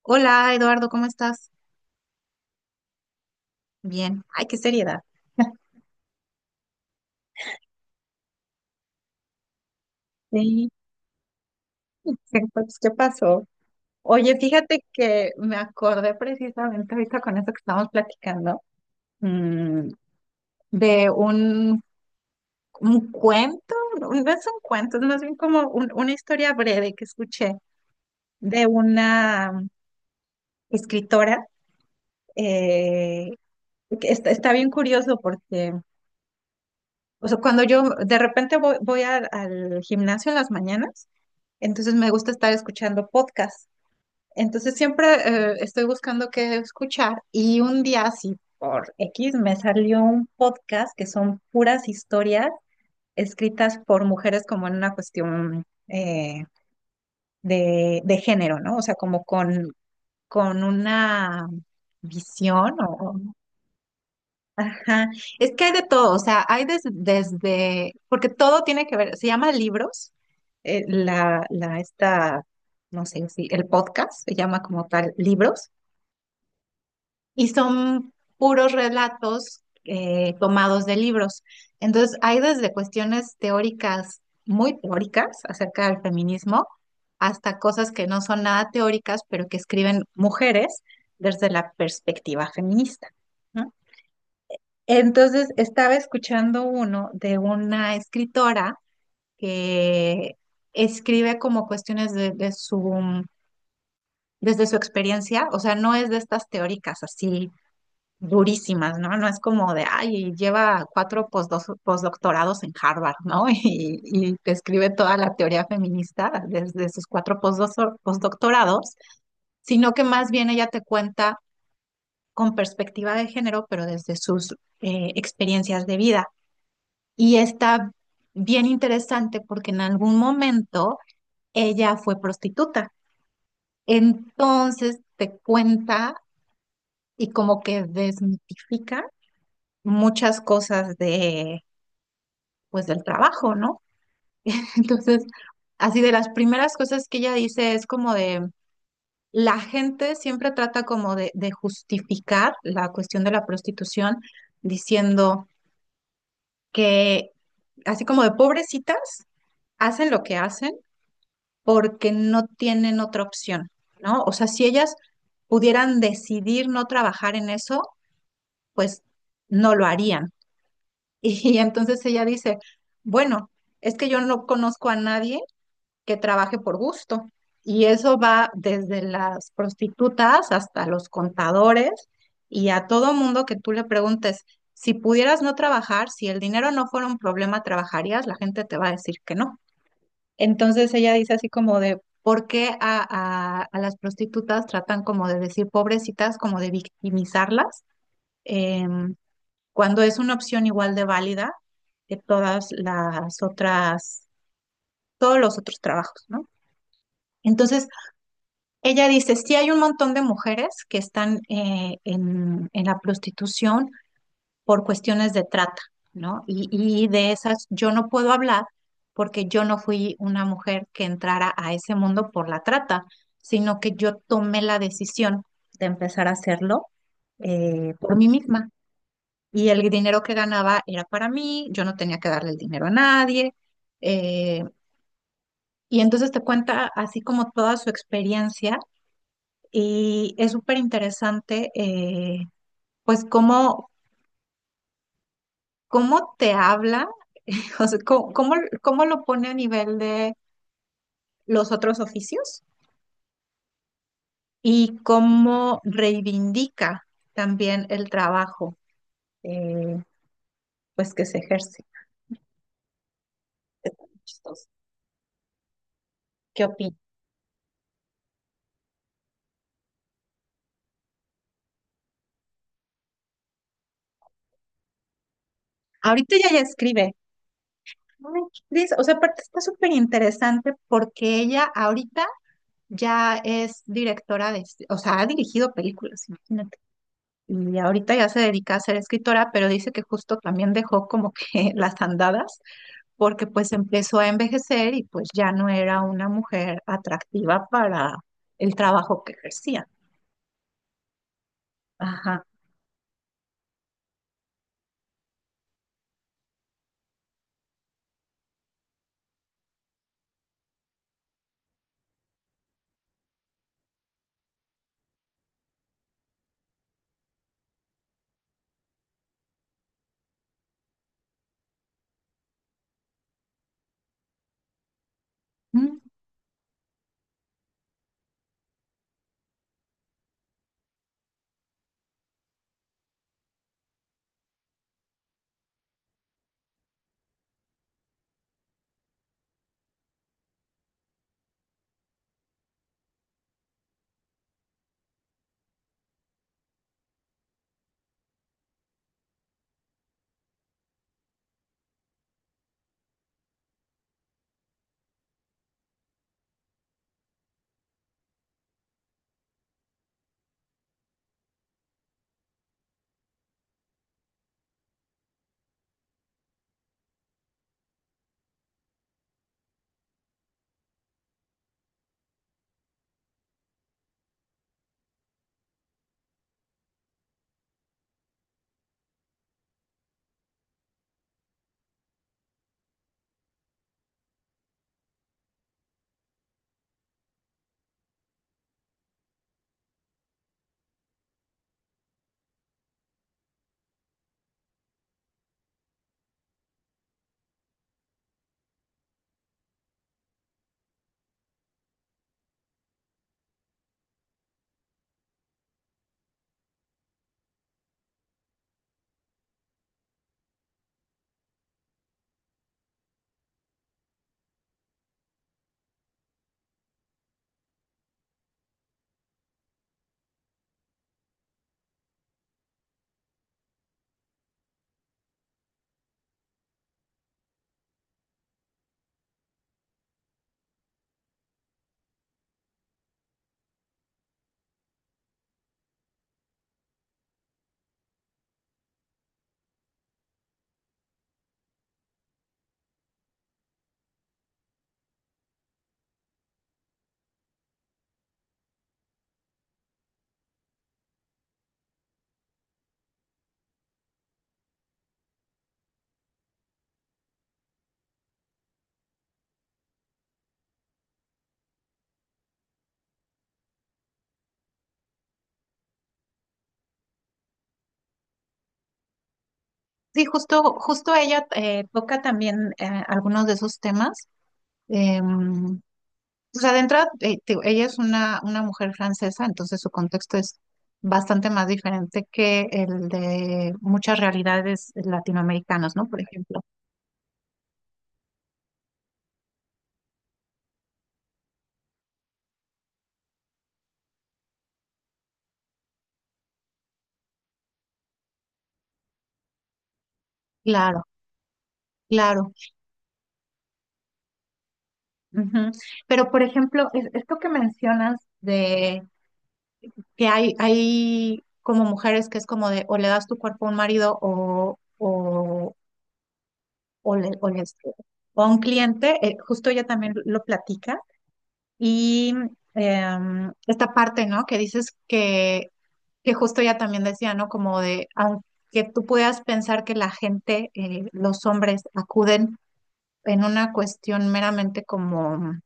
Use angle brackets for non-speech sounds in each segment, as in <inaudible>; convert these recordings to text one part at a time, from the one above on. Hola Eduardo, ¿cómo estás? Bien. Ay, qué seriedad. Sí, pues, ¿qué pasó? Oye, fíjate que me acordé precisamente ahorita con eso que estábamos platicando, mm, de un cuento, no, es un cuento, es más bien como una historia breve que escuché de una escritora. eh, que está, está bien curioso porque, o sea, cuando yo de repente voy al gimnasio en las mañanas, entonces me gusta estar escuchando podcasts. Entonces siempre estoy buscando qué escuchar y un día así por X me salió un podcast que son puras historias escritas por mujeres como en una cuestión de género, ¿no? O sea, con una visión. Ajá. Es que hay de todo, o sea, hay desde... Porque todo tiene que ver, se llama libros, eh, la, la, esta, no sé si, el podcast se llama como tal libros. Y son puros relatos tomados de libros. Entonces, hay desde cuestiones teóricas, muy teóricas, acerca del feminismo, hasta cosas que no son nada teóricas, pero que escriben mujeres desde la perspectiva feminista, ¿no? Entonces, estaba escuchando uno de una escritora que escribe como cuestiones de desde su experiencia, o sea, no es de estas teóricas así durísimas, ¿no? No es como de, ay, lleva cuatro postdoctorados en Harvard, ¿no? <laughs> Y te escribe toda la teoría feminista desde sus cuatro postdoctorados, sino que más bien ella te cuenta con perspectiva de género, pero desde sus experiencias de vida. Y está bien interesante porque en algún momento ella fue prostituta. Entonces te cuenta y como que desmitifica muchas cosas pues del trabajo, ¿no? <laughs> Entonces, así de las primeras cosas que ella dice es como de, la gente siempre trata como de justificar la cuestión de la prostitución diciendo que así como de pobrecitas, hacen lo que hacen porque no tienen otra opción, ¿no? O sea, si ellas pudieran decidir no trabajar en eso, pues no lo harían. <laughs> Y entonces ella dice, bueno, es que yo no conozco a nadie que trabaje por gusto. Y eso va desde las prostitutas hasta los contadores y a todo mundo que tú le preguntes, si pudieras no trabajar, si el dinero no fuera un problema, ¿trabajarías? La gente te va a decir que no. Entonces ella dice así como de, ¿por qué a las prostitutas tratan como de decir pobrecitas, como de victimizarlas, em, cuando es una opción igual de válida que todas las otras, todos los otros trabajos, ¿no? Entonces, ella dice, sí hay un montón de mujeres que están en la prostitución por cuestiones de trata, ¿no? Y de esas yo no puedo hablar porque yo no fui una mujer que entrara a ese mundo por la trata, sino que yo tomé la decisión de empezar a hacerlo por mí misma. Y el dinero que ganaba era para mí, yo no tenía que darle el dinero a nadie. eh, y entonces te cuenta así como toda su experiencia. Y es súper interesante, pues, cómo te habla, <laughs> o sea, cómo lo pone a nivel de los otros oficios y cómo reivindica también el trabajo, eh, pues, que se ejerce. Está muy chistoso. ¿Qué opinas? Ahorita ella ya escribe. Ay, qué triste. O sea, aparte está súper interesante porque ella ahorita ya es directora de, o sea, ha dirigido películas, imagínate. Y ahorita ya se dedica a ser escritora, pero dice que justo también dejó como que <laughs> las andadas porque pues empezó a envejecer y pues ya no era una mujer atractiva para el trabajo que ejercía. Ajá. Mm. Sí, justo, justo ella toca también algunos de esos temas. Em, o sea, de entrada, te digo, ella es una mujer francesa, entonces su contexto es bastante más diferente que el de muchas realidades latinoamericanas, ¿no? Por ejemplo. Claro. Claro. Ujú. Pero, por ejemplo, esto que mencionas de que hay como mujeres que es como de o le das tu cuerpo a un marido o o a un cliente, justo ella también lo platica. Y esta parte, ¿no? Que dices que justo ella también decía, ¿no? Como de, aunque tú puedas pensar que la gente, los hombres acuden en una cuestión meramente como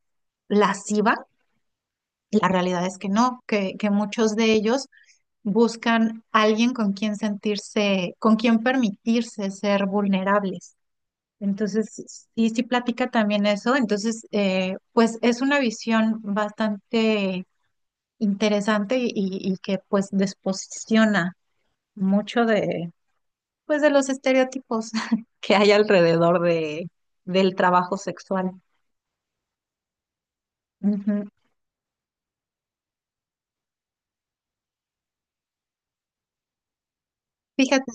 lasciva. La realidad es que no, que muchos de ellos buscan alguien con quien sentirse, con quien permitirse ser vulnerables. Entonces, y si platica también eso. Entonces, pues es una visión bastante interesante y que pues desposiciona mucho de, pues de los estereotipos <laughs> que hay alrededor de, del trabajo sexual. Ujú. Fíjate.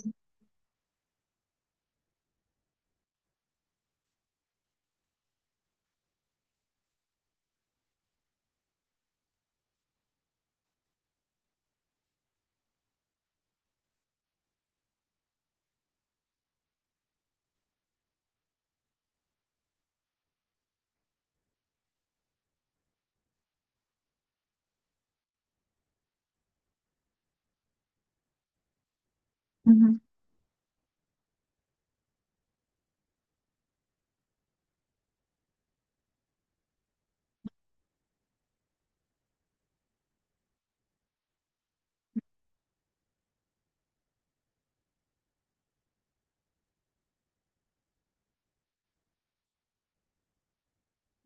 Ujú,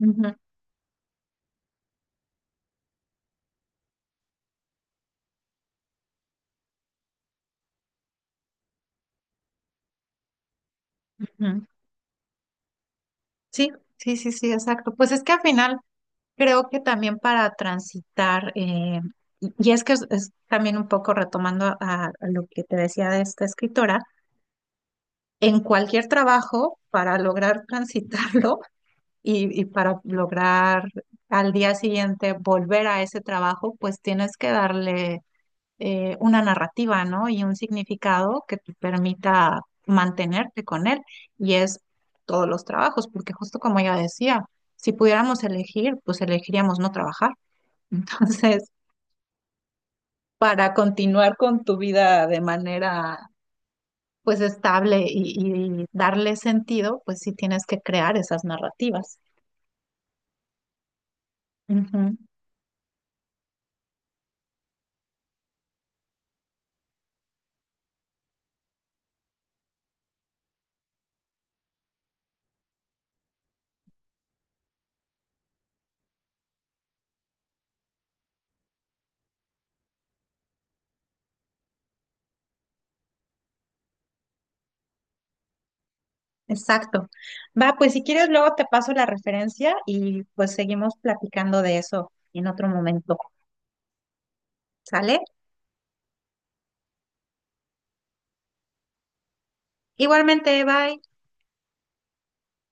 ujú, ujú. Sí, sí, sí, sí, exacto. Pues es que al final creo que también para transitar, y es que es también un poco retomando a lo que te decía de esta escritora, en cualquier trabajo, para lograr <laughs> transitarlo y para lograr al día siguiente volver a ese trabajo, pues tienes que darle una narrativa, ¿no? Y un significado que te permita mantenerte con él. Y es todos los trabajos, porque justo como ella decía, si pudiéramos elegir, pues elegiríamos no trabajar. <laughs> Entonces, para continuar con tu vida de manera, pues, estable y darle sentido, pues sí tienes que crear esas narrativas. Ujú. Exacto. Va, pues si quieres, luego te paso la referencia y pues seguimos platicando de eso en otro momento. ¿Sale? Igualmente, bye.